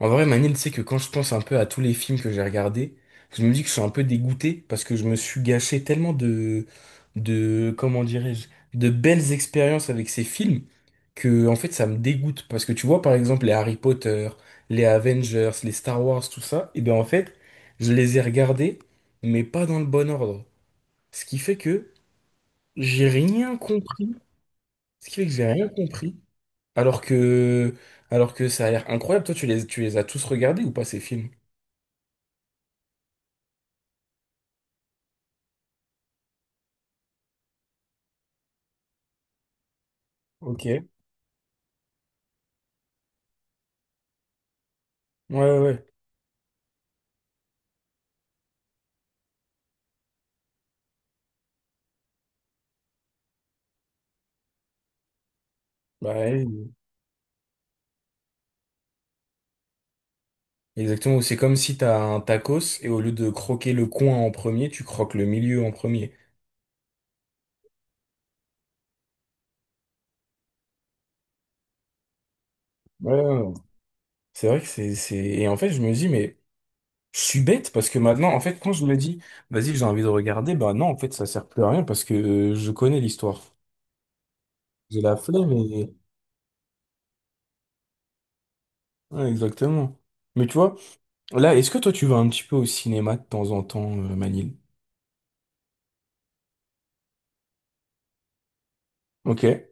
En vrai, Manil, c'est que quand je pense un peu à tous les films que j'ai regardés, je me dis que je suis un peu dégoûté parce que je me suis gâché tellement comment dirais-je, de belles expériences avec ces films que, en fait, ça me dégoûte. Parce que tu vois, par exemple, les Harry Potter, les Avengers, les Star Wars, tout ça, et bien, en fait, je les ai regardés, mais pas dans le bon ordre. Ce qui fait que j'ai rien compris. Ce qui fait que j'ai rien compris. Alors que, alors que ça a l'air incroyable. Toi, tu les as tous regardés ou pas ces films? Ok. Ouais, ouais, ouais. Bah, ouais, exactement. C'est comme si t'as un tacos et au lieu de croquer le coin en premier, tu croques le milieu en premier. Ouais, ouais, ouais. C'est vrai que c'est... Et en fait, je me dis, mais je suis bête parce que maintenant, en fait, quand je me dis, vas-y, j'ai envie de regarder, bah non, en fait, ça sert plus à rien parce que je connais l'histoire. J'ai la flemme et... Ouais, exactement. Mais tu vois, là, est-ce que toi, tu vas un petit peu au cinéma de temps en temps, Manil? Ok.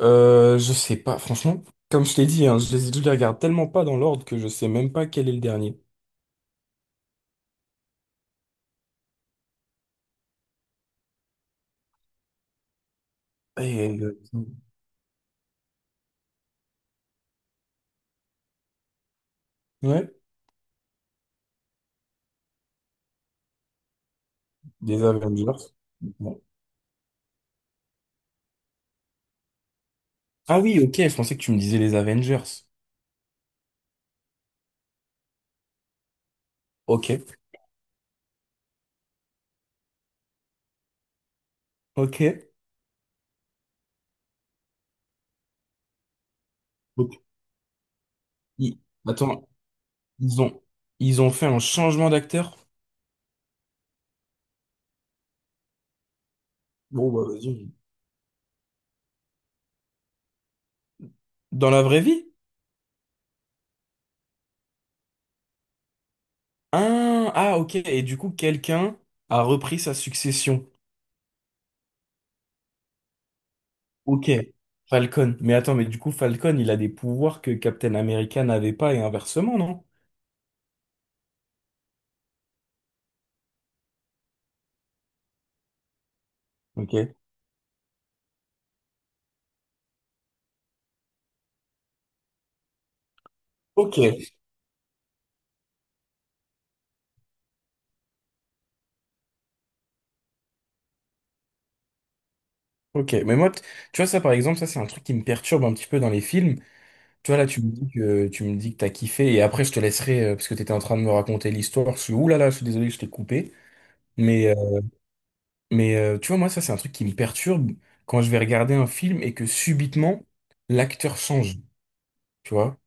Je sais pas, franchement, comme je t'ai dit, hein, je les regarde tellement pas dans l'ordre que je sais même pas quel est le dernier. Et, ouais, des Avengers. Bon. Ah oui, ok, je pensais que tu me disais les Avengers. Ok, ok. Donc, i- Attends, ils ont, ils ont fait un changement d'acteur? Bon, bah vas-y. Dans la vraie vie? Ah, ah, ok, et du coup, quelqu'un a repris sa succession. Ok, Falcon. Mais attends, mais du coup, Falcon, il a des pouvoirs que Captain America n'avait pas et inversement, non? Ok, ok, ok. Mais moi, tu vois, ça par exemple, ça c'est un truc qui me perturbe un petit peu dans les films. Tu vois, là, tu me dis que t'as kiffé et après, je te laisserai, parce que t'étais en train de me raconter l'histoire. Je suis, ouh là là, je suis désolé, je t'ai coupé. Mais, euh, mais tu vois, moi, ça c'est un truc qui me perturbe quand je vais regarder un film et que subitement, l'acteur change. Tu vois?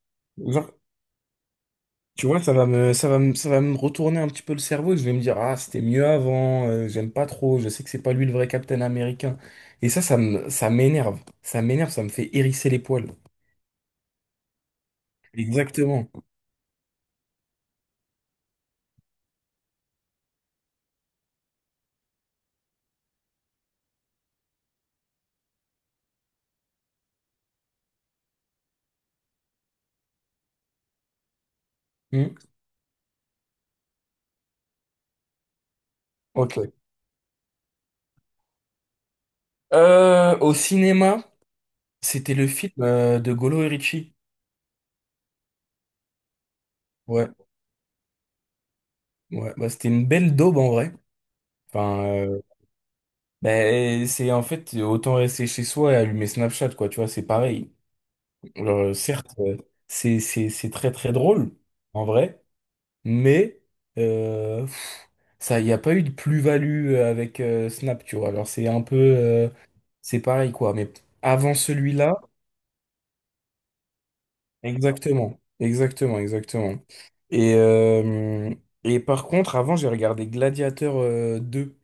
Tu vois, ça va me retourner un petit peu le cerveau et je vais me dire, ah, c'était mieux avant, j'aime pas trop, je sais que c'est pas lui le vrai Captain Américain. Et ça, ça m'énerve. Ça m'énerve, ça me fait hérisser les poils. Exactement. Hmm. Ok. Au cinéma, c'était le film de Golo et Ritchie. Ouais, ouais. Bah, c'était une belle daube en vrai. Enfin, ben, c'est en fait autant rester chez soi et allumer Snapchat, quoi. Tu vois, c'est pareil. Alors, certes, c'est très très drôle en vrai. Mais pff, ça, il n'y a pas eu de plus-value avec Snap, tu vois. Alors c'est un peu, c'est pareil quoi. Mais avant celui-là, exactement, exactement, exactement. Et euh, et par contre, avant, j'ai regardé Gladiateur 2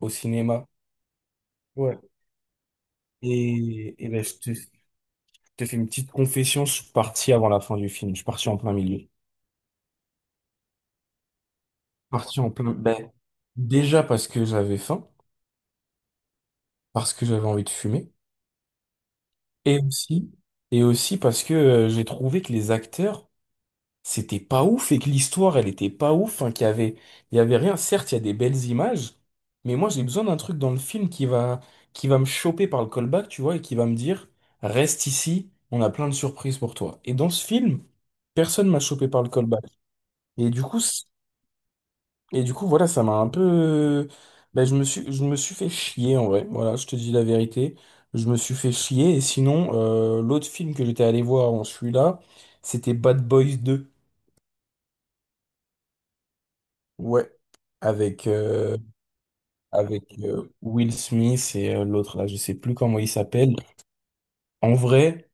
au cinéma. Ouais. Et ben, je te fais une petite confession. Je suis parti avant la fin du film. Je suis parti en plein milieu. Parti en plein. Ben, déjà parce que j'avais faim, parce que j'avais envie de fumer. Et aussi, parce que j'ai trouvé que les acteurs, c'était pas ouf et que l'histoire, elle était pas ouf, hein, il y avait rien. Certes, il y a des belles images, mais moi, j'ai besoin d'un truc dans le film qui va me choper par le callback, tu vois, et qui va me dire, reste ici, on a plein de surprises pour toi. Et dans ce film, personne m'a chopé par le callback. Et du coup, voilà, ça m'a un peu... Ben, je me suis fait chier, en vrai. Voilà, je te dis la vérité. Je me suis fait chier. Et sinon, l'autre film que j'étais allé voir en celui-là, c'était Bad Boys deux. Ouais. Avec, euh, avec Will Smith et l'autre, là, je sais plus comment il s'appelle. En vrai,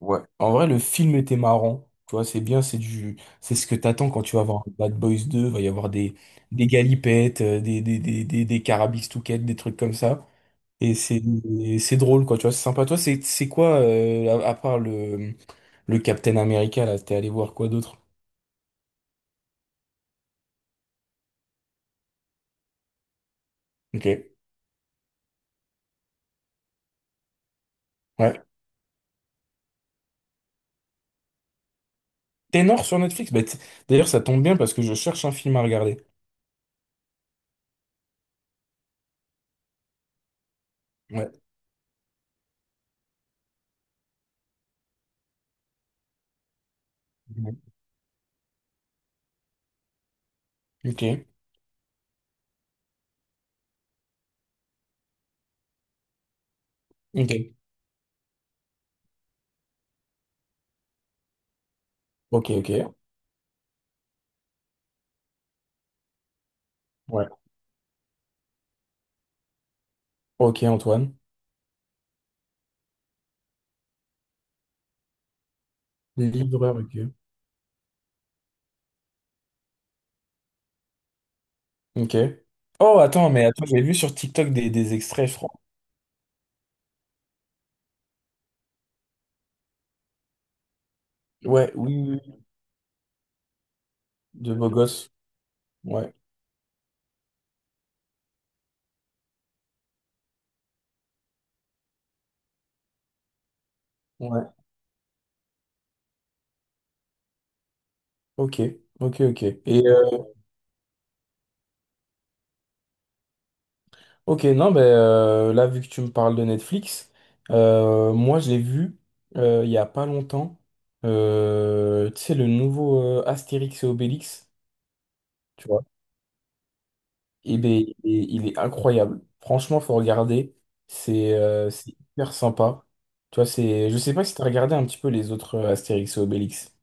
ouais. En vrai, le film était marrant. Tu vois, c'est bien, c'est du... C'est ce que t'attends quand tu vas voir Bad Boys deux. Il va y avoir des galipettes, des carabistouquettes, des trucs comme ça. Et c'est et c'est drôle, quoi, tu vois, c'est sympa. Toi, c'est quoi, à part le Captain America, là, t'es allé voir quoi d'autre? Ok. Ouais. Ténor sur Netflix? Bah, d'ailleurs, ça tombe bien parce que je cherche un film à regarder. Ouais. Ok. Ok. Ok, ok. Ouais. Ok, Antoine. Livreur, ok. Ok. Oh, attends, mais attends, j'ai vu sur TikTok des extraits, je crois. Ouais, oui, oui, oui, de beau gosse. Ouais, ouais. Ok, ok, ok. Et ok, non, ben là, vu que tu me parles de Netflix, moi, je l'ai vu il y a pas longtemps. Tu sais, le nouveau Astérix et Obélix, tu vois. Et ben, il est incroyable. Franchement, faut regarder. C'est hyper sympa. Tu vois, c'est... Je sais pas si tu as regardé un petit peu les autres Astérix et Obélix.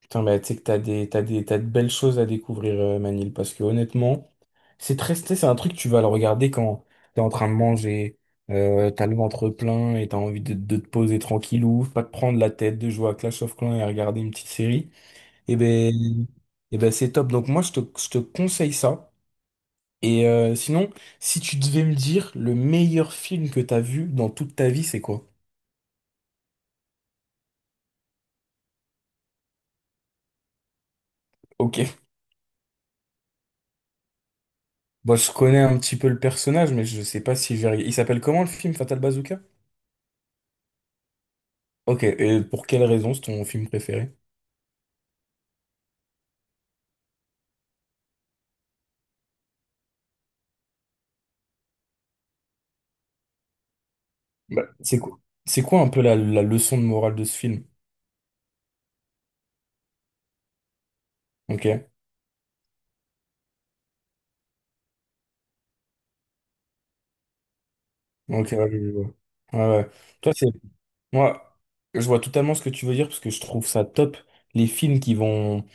Putain, bah, tu sais que t'as de belles choses à découvrir, Manil, parce que honnêtement, c'est très, c'est un truc, tu vas le regarder quand t'es en train de manger, t'as le ventre plein et t'as envie de te poser tranquillou, pas te prendre la tête, de jouer à Clash of Clans et à regarder une petite série. Et ben, c'est top. Donc moi, je te conseille ça. Et sinon, si tu devais me dire le meilleur film que t'as vu dans toute ta vie, c'est quoi? Ok. Bon, je connais un petit peu le personnage, mais je sais pas si je vais... Il s'appelle comment le film Fatal Bazooka? Ok, et pour quelle raison c'est ton film préféré? Bah, c'est quoi un peu la leçon de morale de ce film? Ok, ok, ouais, je vois. Ouais, ouais. Toi, c'est, moi, je vois totalement ce que tu veux dire parce que je trouve ça top, les films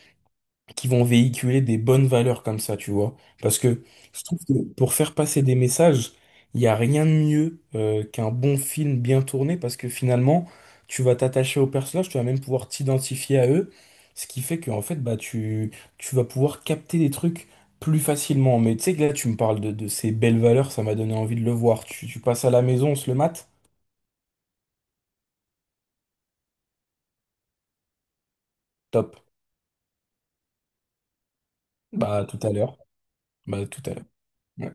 qui vont véhiculer des bonnes valeurs comme ça, tu vois. Parce que je trouve que pour faire passer des messages, il n'y a rien de mieux qu'un bon film bien tourné parce que finalement, tu vas t'attacher aux personnages, tu vas même pouvoir t'identifier à eux, ce qui fait qu'en fait, bah, tu vas pouvoir capter des trucs plus facilement. Mais tu sais que là, tu me parles de ces belles valeurs, ça m'a donné envie de le voir. Tu passes à la maison, on se le mate? Top. Bah, à tout à l'heure. Bah, à tout à l'heure. Ouais.